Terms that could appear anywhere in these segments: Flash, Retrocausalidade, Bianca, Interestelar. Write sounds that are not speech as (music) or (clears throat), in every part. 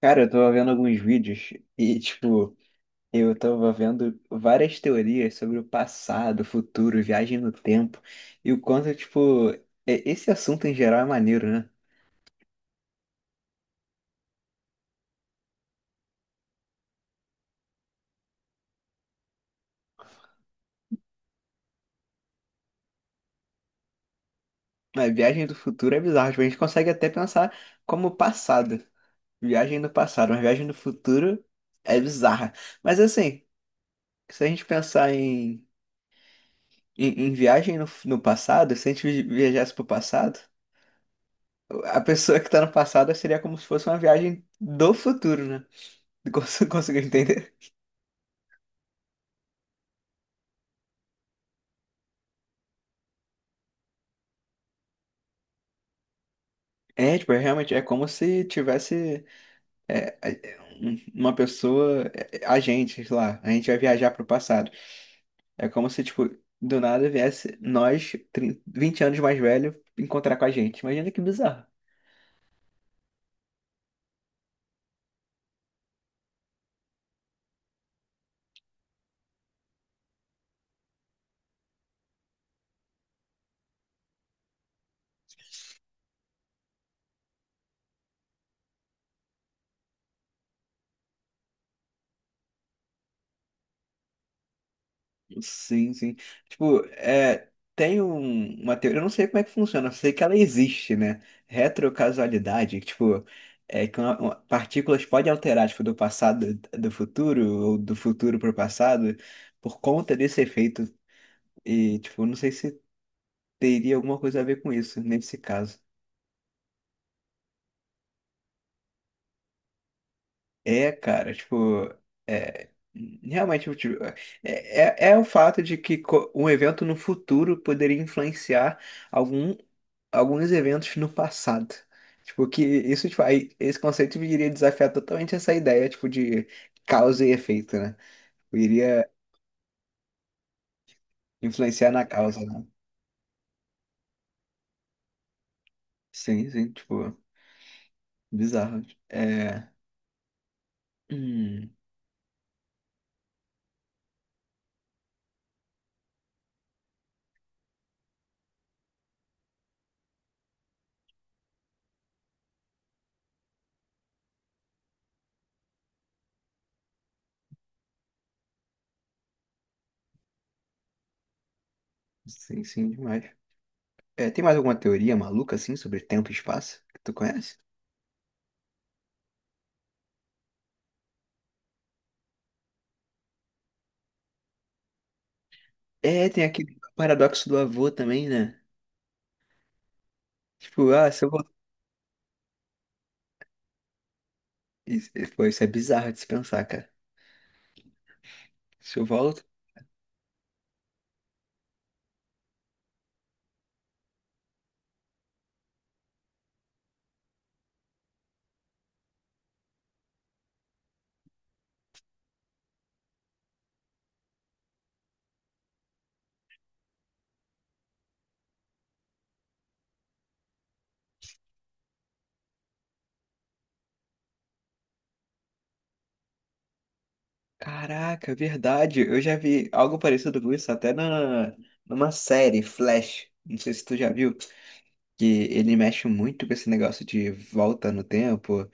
Cara, eu tava vendo alguns vídeos e, tipo, eu tava vendo várias teorias sobre o passado, futuro, viagem no tempo e o quanto, tipo, esse assunto em geral é maneiro, né? A viagem do futuro é bizarro, tipo, a gente consegue até pensar como passado, viagem no passado, mas viagem no futuro é bizarra. Mas assim, se a gente pensar em viagem no passado, se a gente viajasse pro passado, a pessoa que tá no passado seria como se fosse uma viagem do futuro, né? (laughs) Conseguiu entender? É, tipo, é realmente, é como se tivesse uma pessoa, a gente, sei lá, a gente vai viajar pro passado. É como se, tipo, do nada viesse nós, 30, 20 anos mais velho, encontrar com a gente. Imagina que bizarro. Sim, sim. Tipo, tem uma teoria, eu não sei como é que funciona, eu sei que ela existe, né? Retrocausalidade, que, tipo, é que partículas podem alterar, tipo, do passado do futuro ou do futuro para o passado por conta desse efeito. E, tipo, não sei se teria alguma coisa a ver com isso nesse caso. É, cara, tipo, é, realmente, tipo, é o fato de que um evento no futuro poderia influenciar algum alguns eventos no passado. Tipo, que isso, tipo, aí, esse conceito iria desafiar totalmente essa ideia, tipo, de causa e efeito, né? Iria influenciar na causa, né? Sim, sim, tipo, bizarro. É. Hum, sim, sim, demais. É, tem mais alguma teoria maluca, assim, sobre tempo e espaço que tu conhece? É, tem aquele paradoxo do avô também, né? Tipo, ah, se eu voltar. Isso, pô, isso é bizarro de se pensar, cara. Se eu volto. Caraca, verdade. Eu já vi algo parecido com isso até numa série, Flash. Não sei se tu já viu, que ele mexe muito com esse negócio de volta no tempo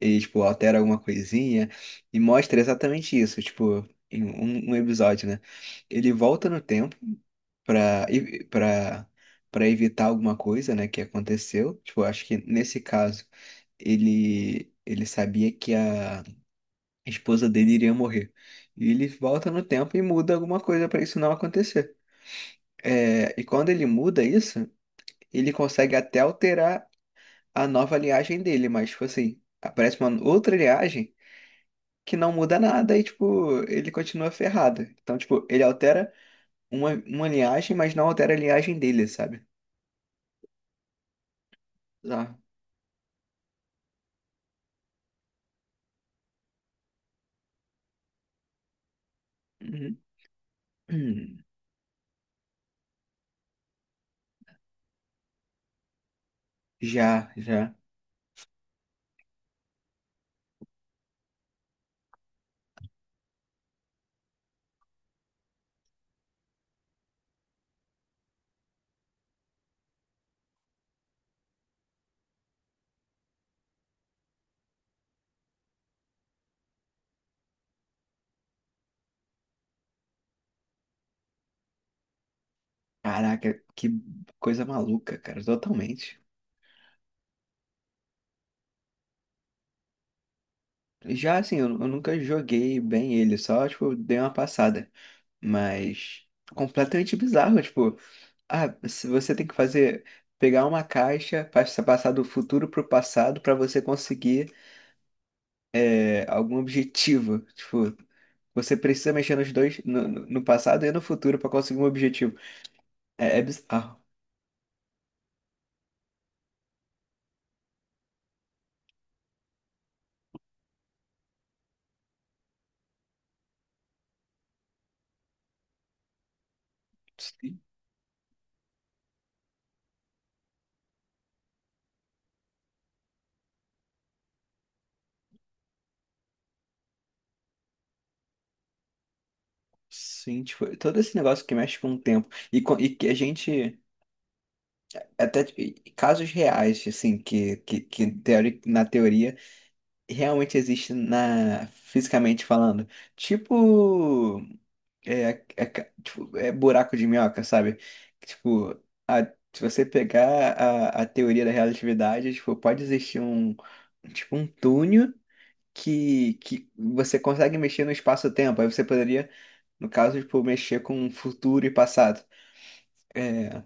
e, tipo, altera alguma coisinha e mostra exatamente isso, tipo, em um episódio, né? Ele volta no tempo pra, e- pra, pra evitar alguma coisa, né, que aconteceu. Tipo, acho que nesse caso, ele sabia que a esposa dele iria morrer. E ele volta no tempo e muda alguma coisa para isso não acontecer. É, e quando ele muda isso, ele consegue até alterar a nova linhagem dele, mas, tipo assim, aparece uma outra linhagem que não muda nada e, tipo, ele continua ferrado. Então, tipo, ele altera uma linhagem, mas não altera a linhagem dele, sabe? Já. Uhum. (clears throat) Hum. Já, já. Caraca, que coisa maluca, cara, totalmente. Já assim, eu nunca joguei bem ele, só, tipo, dei uma passada. Mas completamente bizarro, tipo, ah, se você tem que fazer, pegar uma caixa, passar do futuro pro passado pra você conseguir é, algum objetivo. Tipo, você precisa mexer nos dois, no passado e no futuro pra conseguir um objetivo. É bizarro. Sim, sim, tipo, todo esse negócio que mexe com o tempo. E que a gente. Até casos reais, assim, na teoria realmente existe na fisicamente falando. Tipo, é, tipo, é buraco de minhoca, sabe? Tipo, a- se você pegar a teoria da relatividade, tipo, pode existir um tipo um túnel que você consegue mexer no espaço-tempo. Aí você poderia, no caso, tipo, mexer com futuro e passado. É,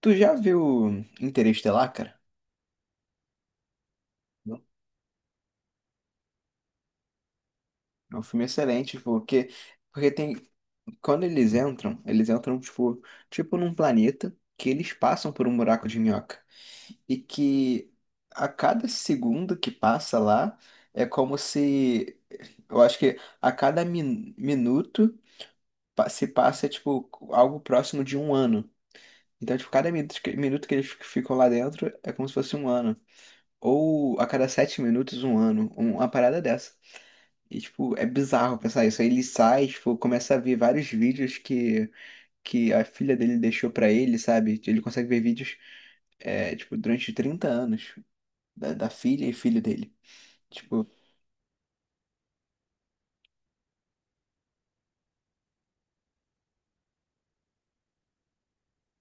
tu já viu Interestelar, cara? Não. É um filme excelente, tipo, porque, porque tem Quando eles entram tipo num planeta que eles passam por um buraco de minhoca. E que a cada segundo que passa lá é como se. Eu acho que a cada minuto se passa tipo algo próximo de um ano. Então, tipo, cada minuto que eles ficam lá dentro é como se fosse um ano. Ou a cada 7 minutos, um ano. Uma parada dessa. E, tipo, é bizarro pensar isso. Aí ele sai, tipo, começa a ver vários vídeos que a filha dele deixou pra ele, sabe? Ele consegue ver vídeos, é, tipo, durante 30 anos da filha e filho dele. Tipo,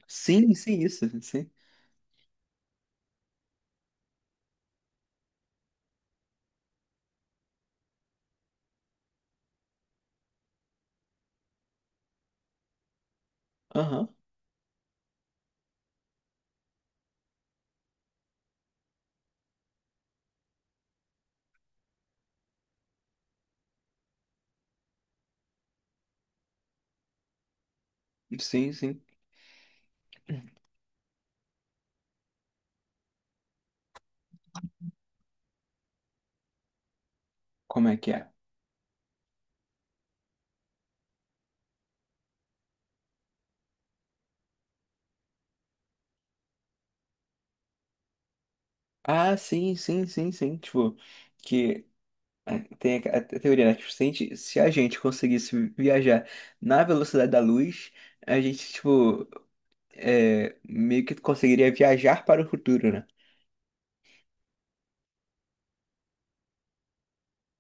sim, sim, isso, sim. Aham, sim, sim. Como é que é? Ah, sim, sim, sim, sim. Tipo, que é, tem a teoria, né? Tipo, se a gente conseguisse viajar na velocidade da luz, a gente, tipo, meio que conseguiria viajar para o futuro, né?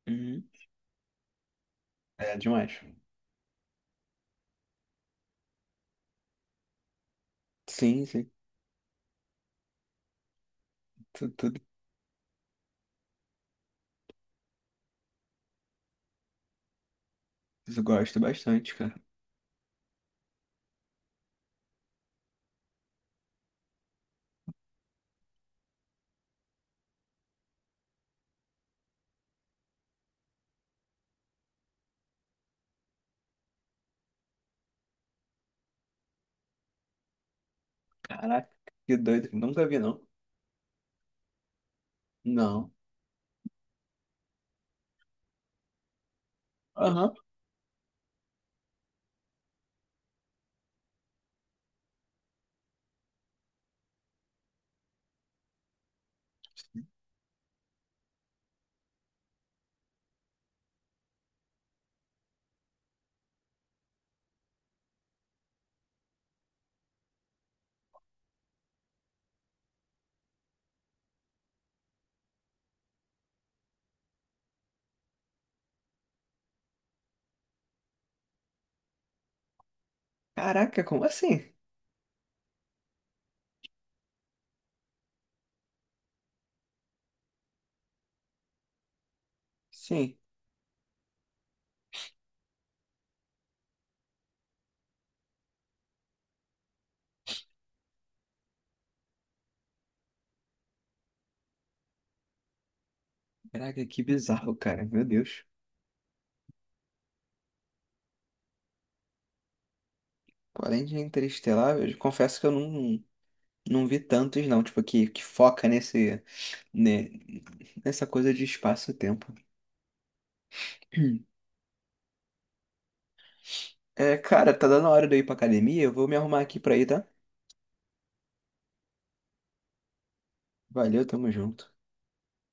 Uhum. É demais. Sim, sim. Tudo, isso eu gosto bastante, cara. Caraca, que doido. Nunca vi, não. Não. Aham. Caraca, como assim? Sim. Caraca, que bizarro, cara. Meu Deus. Pô, além de Interestelar, eu confesso que eu não vi tantos, não. Tipo, que foca nesse, ne- nessa coisa de espaço-tempo. (clears throat) É, cara, tá dando a hora de eu ir pra academia. Eu vou me arrumar aqui pra ir, tá? Valeu, tamo junto.